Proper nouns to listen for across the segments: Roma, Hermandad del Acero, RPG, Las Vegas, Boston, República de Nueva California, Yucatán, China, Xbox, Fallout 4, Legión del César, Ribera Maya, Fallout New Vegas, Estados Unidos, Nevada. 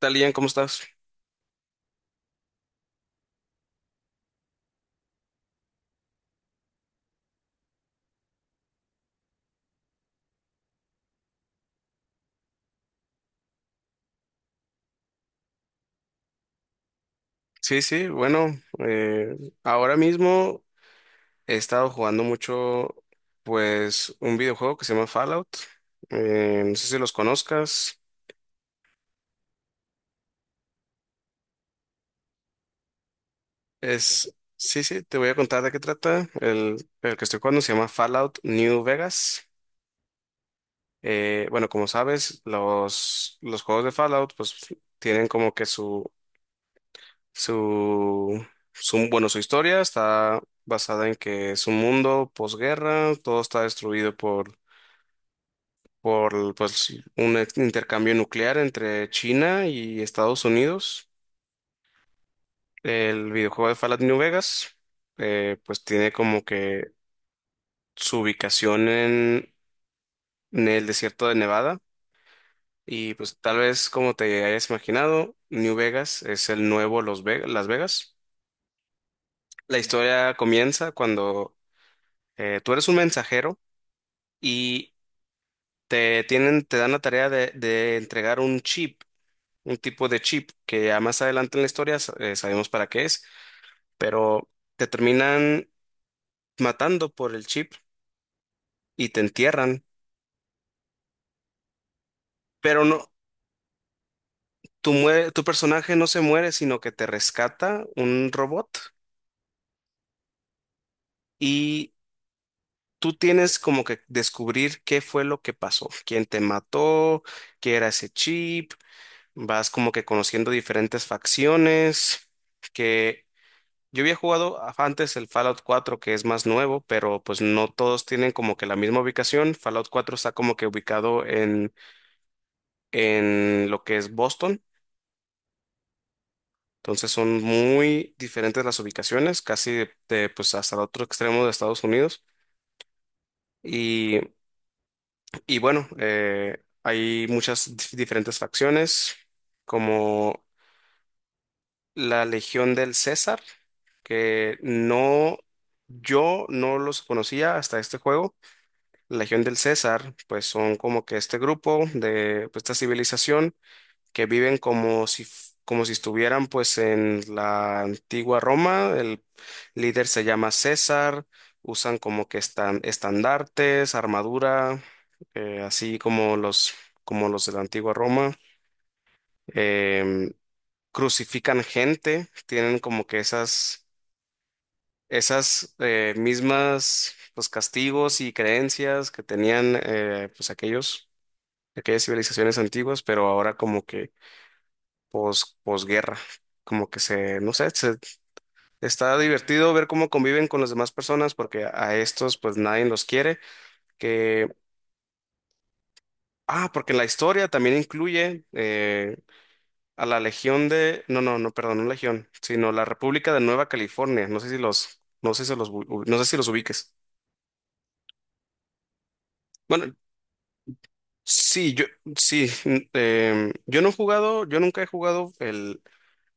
¿tal, Ian? ¿Cómo estás? Sí, sí, bueno, eh, ahora mismo he estado jugando mucho, pues, un videojuego que se llama Fallout. No sé si los conozcas. Sí, sí, te voy a contar de qué trata. El que estoy jugando se llama Fallout New Vegas. Bueno, como sabes, los juegos de Fallout, pues, tienen como que su, su historia está basada en que es un mundo posguerra, todo está destruido por pues, un intercambio nuclear entre China y Estados Unidos. El videojuego de Fallout New Vegas, pues tiene como que su ubicación en el desierto de Nevada. Y pues tal vez como te hayas imaginado, New Vegas es el nuevo Las Vegas. La historia comienza cuando tú eres un mensajero y te dan la tarea de entregar un tipo de chip que ya más adelante en la historia sabemos para qué es, pero te terminan matando por el chip y te entierran, pero no, tu personaje no se muere, sino que te rescata un robot y tú tienes como que descubrir qué fue lo que pasó, quién te mató, qué era ese chip, vas como que conociendo diferentes facciones. Que Yo había jugado antes el Fallout 4, que es más nuevo, pero pues no todos tienen como que la misma ubicación. Fallout 4 está como que ubicado en lo que es Boston. Entonces son muy diferentes las ubicaciones, casi pues hasta el otro extremo de Estados Unidos. Y, y bueno, hay muchas diferentes facciones, como la Legión del César, que no, yo no los conocía hasta este juego. La Legión del César, pues son como que este grupo de pues, esta civilización que viven como si estuvieran pues en la antigua Roma. El líder se llama César, usan como que están estandartes, armadura, así como los de la antigua Roma. Em, crucifican gente, tienen como que esas, mismas pues castigos y creencias que tenían pues aquellos aquellas civilizaciones antiguas, pero ahora como que posguerra, como que no sé, está divertido ver cómo conviven con las demás personas, porque a estos pues nadie los quiere, que, porque la historia también incluye a la Legión de, no, no, no, perdón, no Legión, sino la República de Nueva California, no sé si los, no sé si los, u- no sé si los ubiques. Bueno, sí, yo, sí, n- em, yo no he jugado, yo nunca he jugado el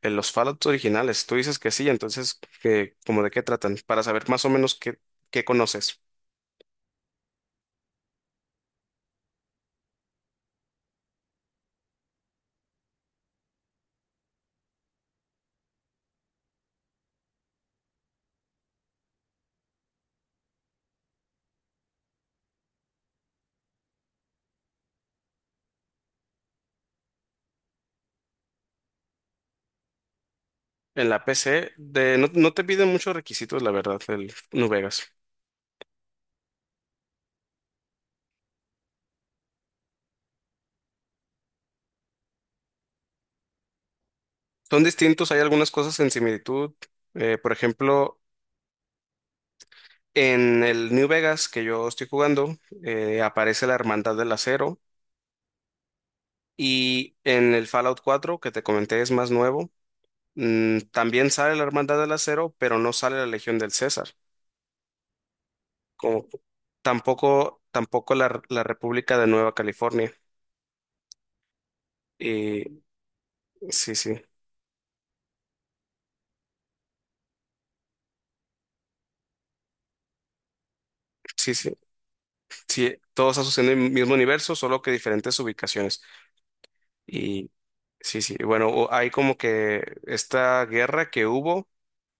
En los Fallout originales, tú dices que sí, entonces, ¿cómo de qué tratan? Para saber más o menos qué conoces. En la PC, no, no te piden muchos requisitos, la verdad, el New Vegas. Son distintos, hay algunas cosas en similitud. Por ejemplo, en el New Vegas que yo estoy jugando, aparece la Hermandad del Acero. Y en el Fallout 4, que te comenté, es más nuevo. También sale la Hermandad del Acero, pero no sale la Legión del César. Como tampoco la República de Nueva California. Y sí, sí, sí, sí, sí, todo está sucediendo en el mismo universo, solo que diferentes ubicaciones. Y sí, sí, bueno, hay como que esta guerra que hubo,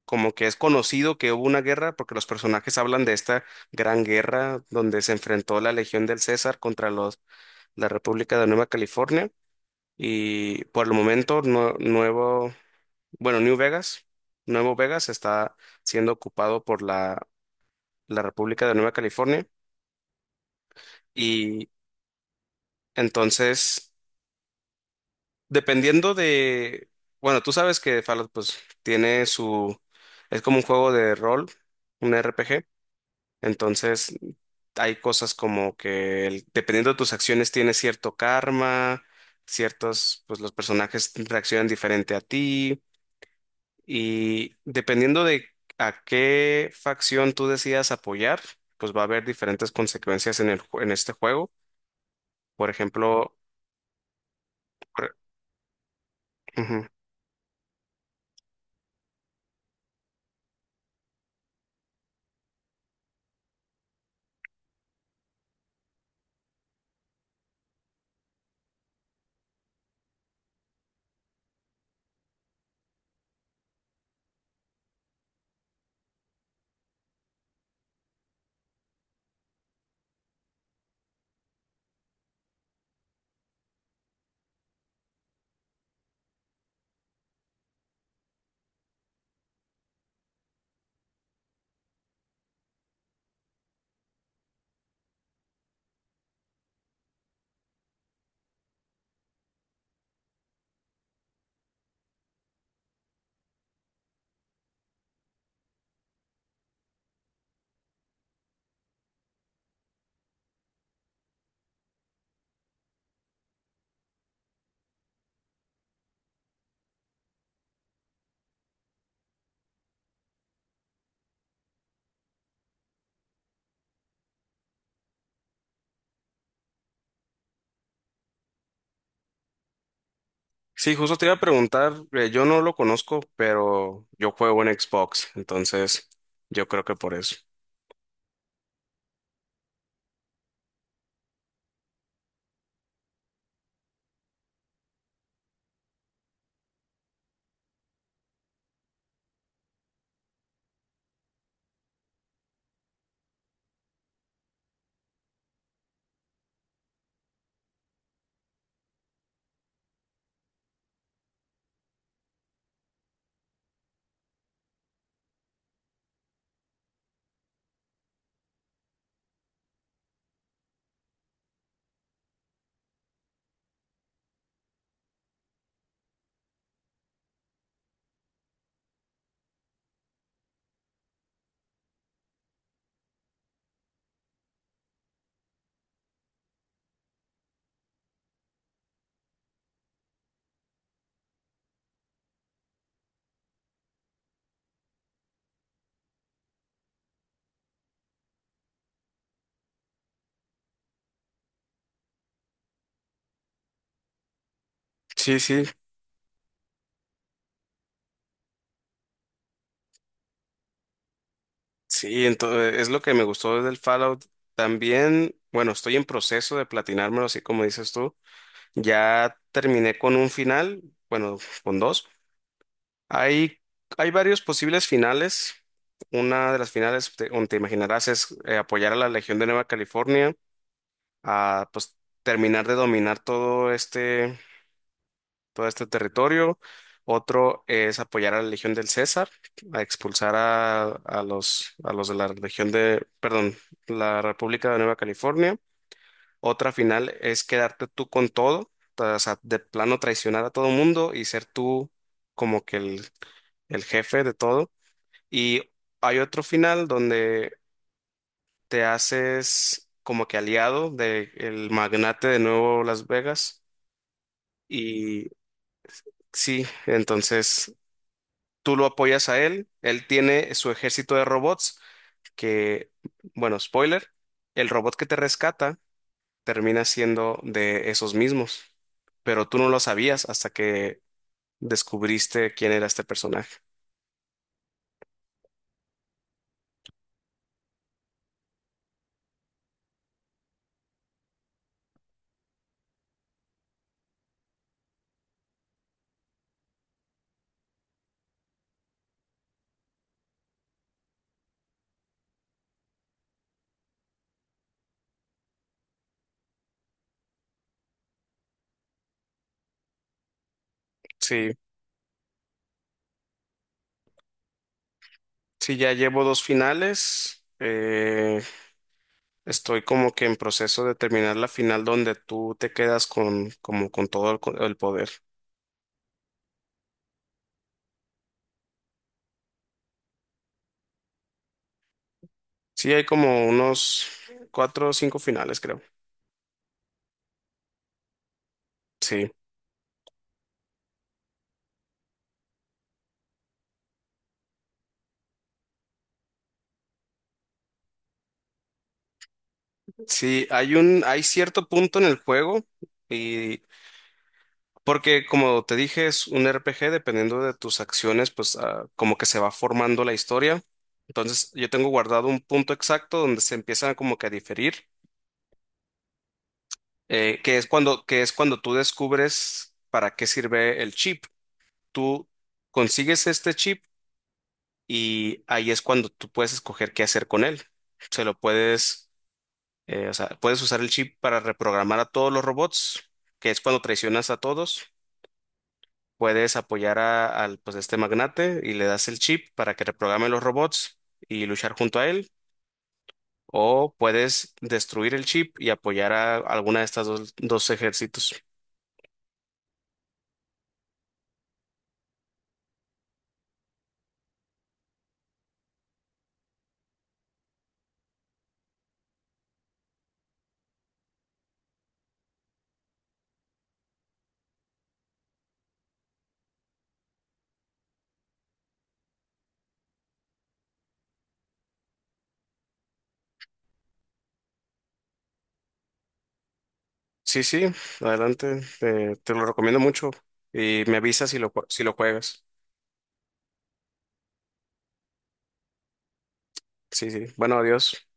como que es conocido que hubo una guerra, porque los personajes hablan de esta gran guerra donde se enfrentó la Legión del César contra la República de Nueva California. Y por el momento, no, nuevo. Bueno, New Vegas, Nuevo Vegas está siendo ocupado por la República de Nueva California y entonces, dependiendo bueno, tú sabes que Fallout pues tiene es como un juego de rol, un RPG, entonces hay cosas como que dependiendo de tus acciones tiene cierto karma, pues los personajes reaccionan diferente a ti. Y dependiendo de a qué facción tú decidas apoyar, pues va a haber diferentes consecuencias en en este juego. Por ejemplo, por- ujú. Sí, justo te iba a preguntar, yo no lo conozco, pero yo juego en Xbox, entonces yo creo que por eso. Sí, sí, sí, entonces es lo que me gustó del Fallout. También, bueno, estoy en proceso de platinármelo, así como dices tú. Ya terminé con un final, bueno, con dos. Hay, hay varios posibles finales. Una de las finales, como te imaginarás, es apoyar a la Legión de Nueva California a pues, terminar de dominar todo este territorio. Otro es apoyar a la Legión del César, a expulsar a los de la Legión de, perdón, la República de Nueva California. Otra final es quedarte tú con todo, o sea, de plano traicionar a todo mundo y ser tú como que el jefe de todo. Y hay otro final donde te haces como que aliado de el magnate de Nuevo Las Vegas. Y sí, entonces tú lo apoyas a él. Él tiene su ejército de robots que, bueno, spoiler, el robot que te rescata termina siendo de esos mismos. Pero tú no lo sabías hasta que descubriste quién era este personaje. Sí, sí, ya llevo dos finales. Estoy como que en proceso de terminar la final donde tú te quedas con, como con todo el poder. Sí, hay como unos cuatro o cinco finales, creo. Sí, sí, hay cierto punto en el juego y porque como te dije es un RPG, dependiendo de tus acciones, pues como que se va formando la historia. Entonces yo tengo guardado un punto exacto donde se empiezan como que a diferir, que es cuando tú descubres para qué sirve el chip. Tú consigues este chip y ahí es cuando tú puedes escoger qué hacer con él. Se lo puedes, o sea, puedes usar el chip para reprogramar a todos los robots, que es cuando traicionas a todos. Puedes apoyar al, pues, este magnate y le das el chip para que reprograme los robots y luchar junto a él. O puedes destruir el chip y apoyar a alguna de estas dos ejércitos. Sí, sí, adelante, te lo recomiendo mucho y me avisas si lo juegas. Sí, sí. Bueno, adiós.